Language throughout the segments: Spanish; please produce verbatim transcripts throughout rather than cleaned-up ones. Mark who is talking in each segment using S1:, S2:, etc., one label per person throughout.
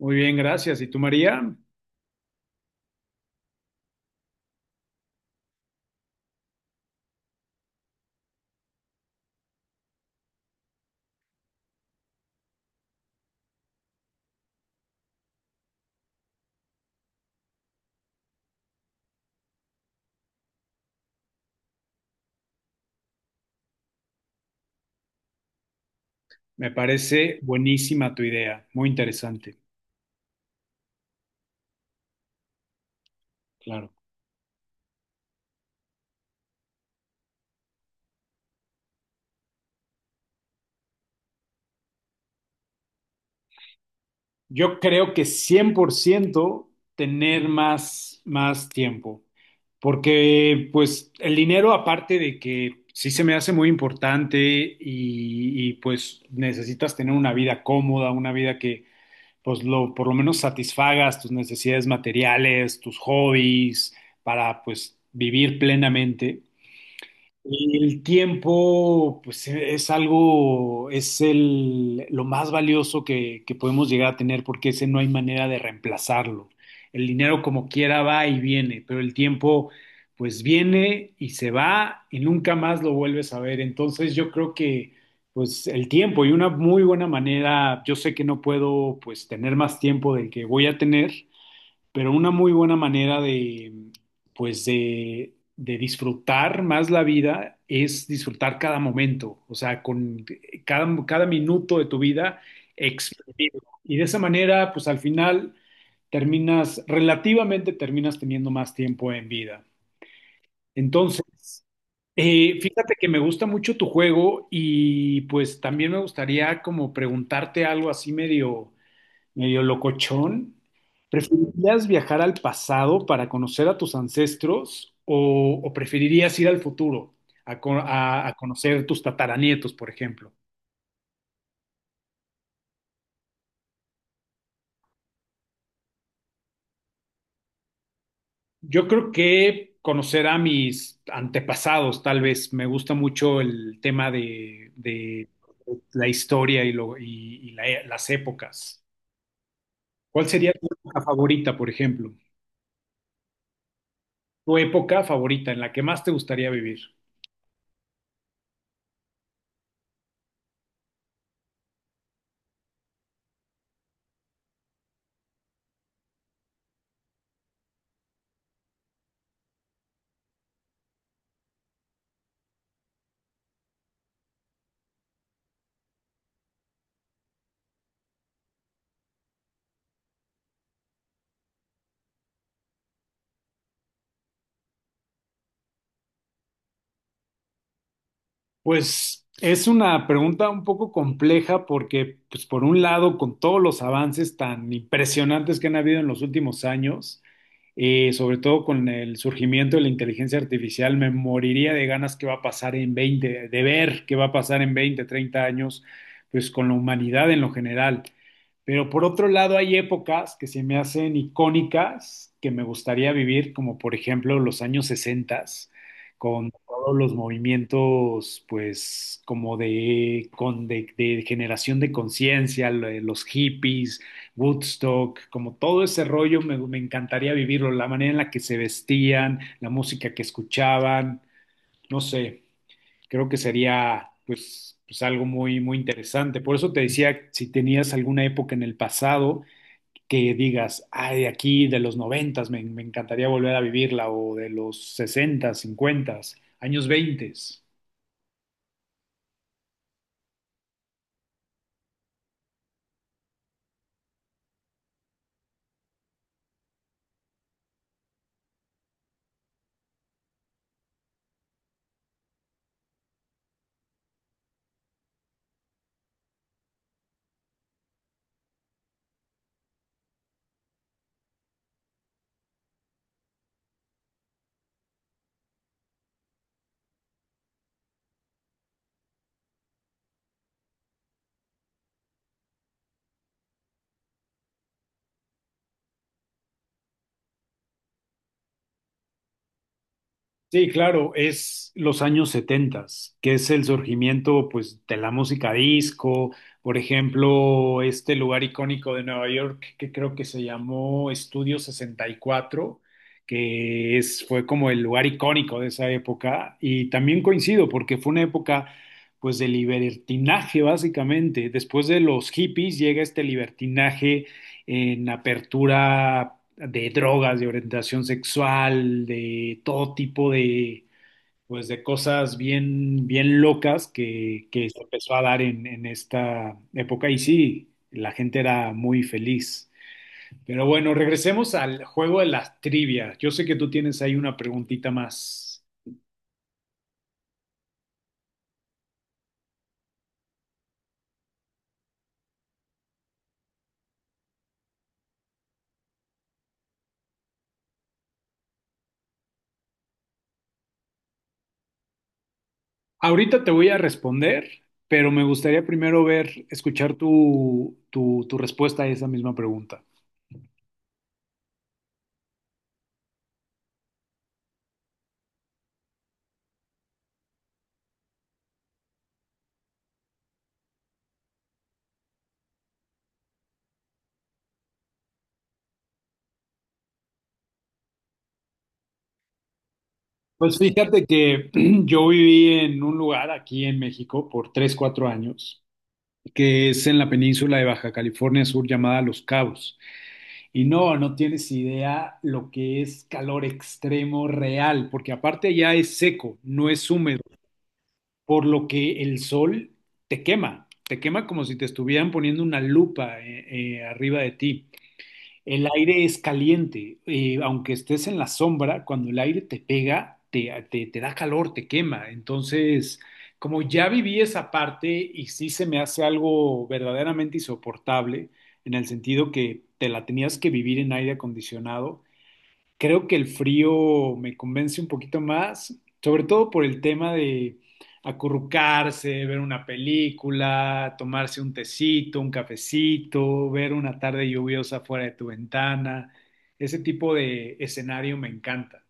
S1: Muy bien, gracias. ¿Y tú, María? Me parece buenísima tu idea, muy interesante, claro. Yo creo que cien por ciento tener más, más tiempo, porque pues el dinero aparte de que sí se me hace muy importante y, y, pues necesitas tener una vida cómoda, una vida que pues lo, por lo menos satisfagas tus necesidades materiales, tus hobbies, para pues vivir plenamente. El tiempo, pues e- es algo, es el, lo más valioso que, que podemos llegar a tener porque ese no hay manera de reemplazarlo. El dinero como quiera va y viene, pero el tiempo pues viene y se va y nunca más lo vuelves a ver. Entonces yo creo que pues el tiempo y una muy buena manera, yo sé que no puedo pues tener más tiempo del que voy a tener, pero una muy buena manera de, pues de, de disfrutar más la vida es disfrutar cada momento, o sea, con cada, cada minuto de tu vida exprimido. Y de esa manera, pues al final terminas, relativamente terminas teniendo más tiempo en vida. Entonces, eh, fíjate que me gusta mucho tu juego y pues también me gustaría como preguntarte algo así medio medio locochón. ¿Preferirías viajar al pasado para conocer a tus ancestros o, o preferirías ir al futuro a, co- a- a conocer tus tataranietos, por ejemplo? Yo creo que conocer a mis antepasados, tal vez. Me gusta mucho el tema de, de la historia y, lo- y- y la- las épocas. ¿Cuál sería tu época favorita, por ejemplo? Tu época favorita en la que más te gustaría vivir. Pues es una pregunta un poco compleja porque, pues por un lado, con todos los avances tan impresionantes que han habido en los últimos años, eh, sobre todo con el surgimiento de la inteligencia artificial, me moriría de ganas qué va a pasar en veinte de ver qué va a pasar en veinte treinta años, pues con la humanidad en lo general. Pero por otro lado, hay épocas que se me hacen icónicas que me gustaría vivir, como por ejemplo los años sesenta, con todos los movimientos, pues, como de, con, de, de generación de conciencia, lo- los hippies, Woodstock, como todo ese rollo, me, me encantaría vivirlo, la manera en la que se vestían, la música que escuchaban, no sé, creo que sería, pues, pues algo muy, muy interesante. Por eso te decía, si tenías alguna época en el pasado que digas, ay, aquí de los noventas me, me encantaría volver a vivirla, o de los sesentas, cincuentas, años veintes. Sí, claro, es los años setentas, que es el surgimiento pues de la música disco, por ejemplo, este lugar icónico de Nueva York que creo que se llamó Estudio sesenta y cuatro, que es fue como el lugar icónico de esa época y también coincido porque fue una época pues de libertinaje básicamente. Después de los hippies llega este libertinaje en apertura de drogas, de orientación sexual, de todo tipo de, pues, de cosas bien, bien locas que, que se empezó a dar en, en esta época. Y sí, la gente era muy feliz. Pero bueno, regresemos al juego de las trivias. Yo sé que tú tienes ahí una preguntita más. Ahorita te voy a responder, pero me gustaría primero ver, escuchar tu, tu, tu respuesta a esa misma pregunta. Pues fíjate que yo viví en un lugar aquí en México por tres cuatro años, que es en la península de Baja California Sur llamada Los Cabos. Y no, no tienes idea lo que es calor extremo real, porque aparte ya es seco, no es húmedo, por lo que el sol te quema, te quema como si te estuvieran poniendo una lupa eh, eh, arriba de ti. El aire es caliente, eh, aunque estés en la sombra, cuando el aire te pega, te, te- te da calor, te quema. Entonces, como ya viví esa parte y sí se me hace algo verdaderamente insoportable, en el sentido que te la tenías que vivir en aire acondicionado. Creo que el frío me convence un poquito más, sobre todo por el tema de acurrucarse, ver una película, tomarse un tecito, un cafecito, ver una tarde lluviosa fuera de tu ventana. Ese tipo de escenario me encanta.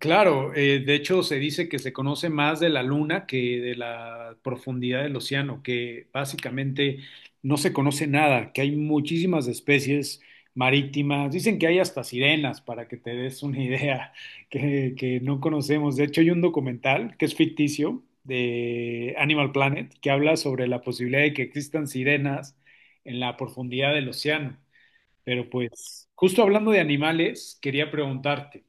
S1: Claro, eh, de hecho se dice que se conoce más de la luna que de la profundidad del océano, que básicamente no se conoce nada, que hay muchísimas especies marítimas, dicen que hay hasta sirenas, para que te des una idea, que, que no conocemos. De hecho hay un documental que es ficticio de Animal Planet que habla sobre la posibilidad de que existan sirenas en la profundidad del océano. Pero pues, justo hablando de animales, quería preguntarte.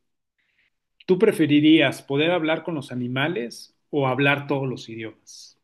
S1: ¿Tú preferirías poder hablar con los animales o hablar todos los idiomas?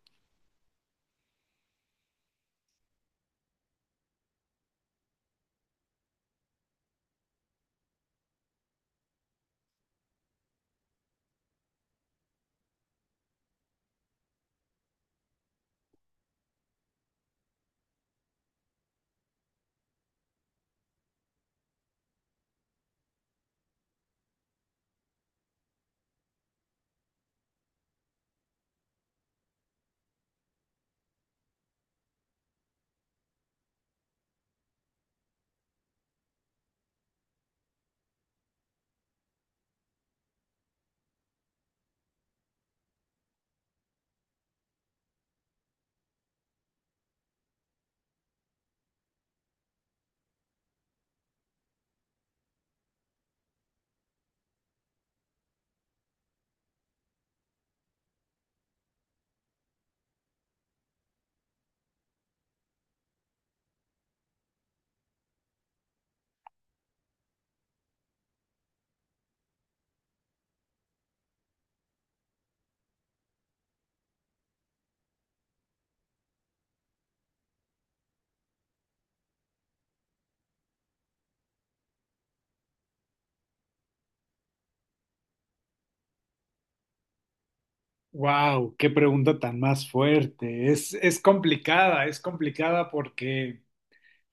S1: Wow, qué pregunta tan más fuerte. Es, es complicada, es complicada porque,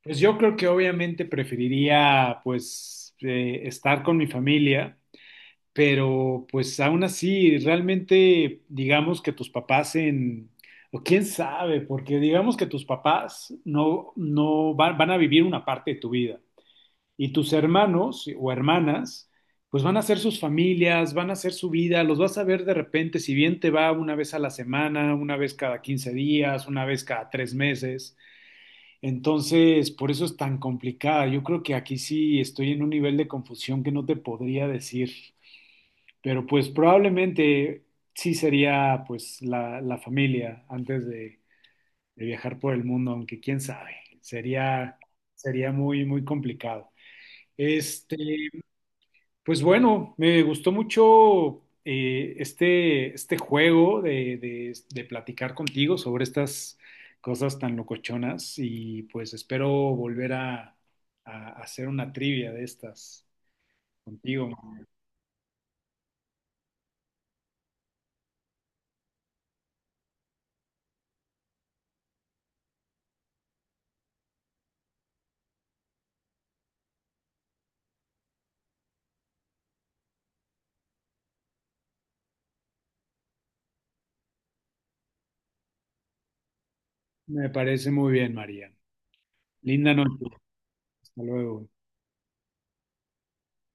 S1: pues yo creo que obviamente preferiría, pues, eh, estar con mi familia, pero pues aún así, realmente, digamos que tus papás en, o quién sabe, porque digamos que tus papás no, no van van a vivir una parte de tu vida. Y tus hermanos o hermanas, pues van a hacer sus familias, van a hacer su vida, los vas a ver de repente, si bien te va una vez a la semana, una vez cada quince días, una vez cada tres meses. Entonces, por eso es tan complicada. Yo creo que aquí sí estoy en un nivel de confusión que no te podría decir, pero pues probablemente sí sería pues la, la familia antes de, de, viajar por el mundo, aunque quién sabe, sería, sería muy, muy complicado. Este, Pues bueno, me gustó mucho eh, este, este juego de, de- de platicar contigo sobre estas cosas tan locochonas y pues espero volver a, a hacer una trivia de estas contigo. Me parece muy bien, María. Linda noche. Hasta luego.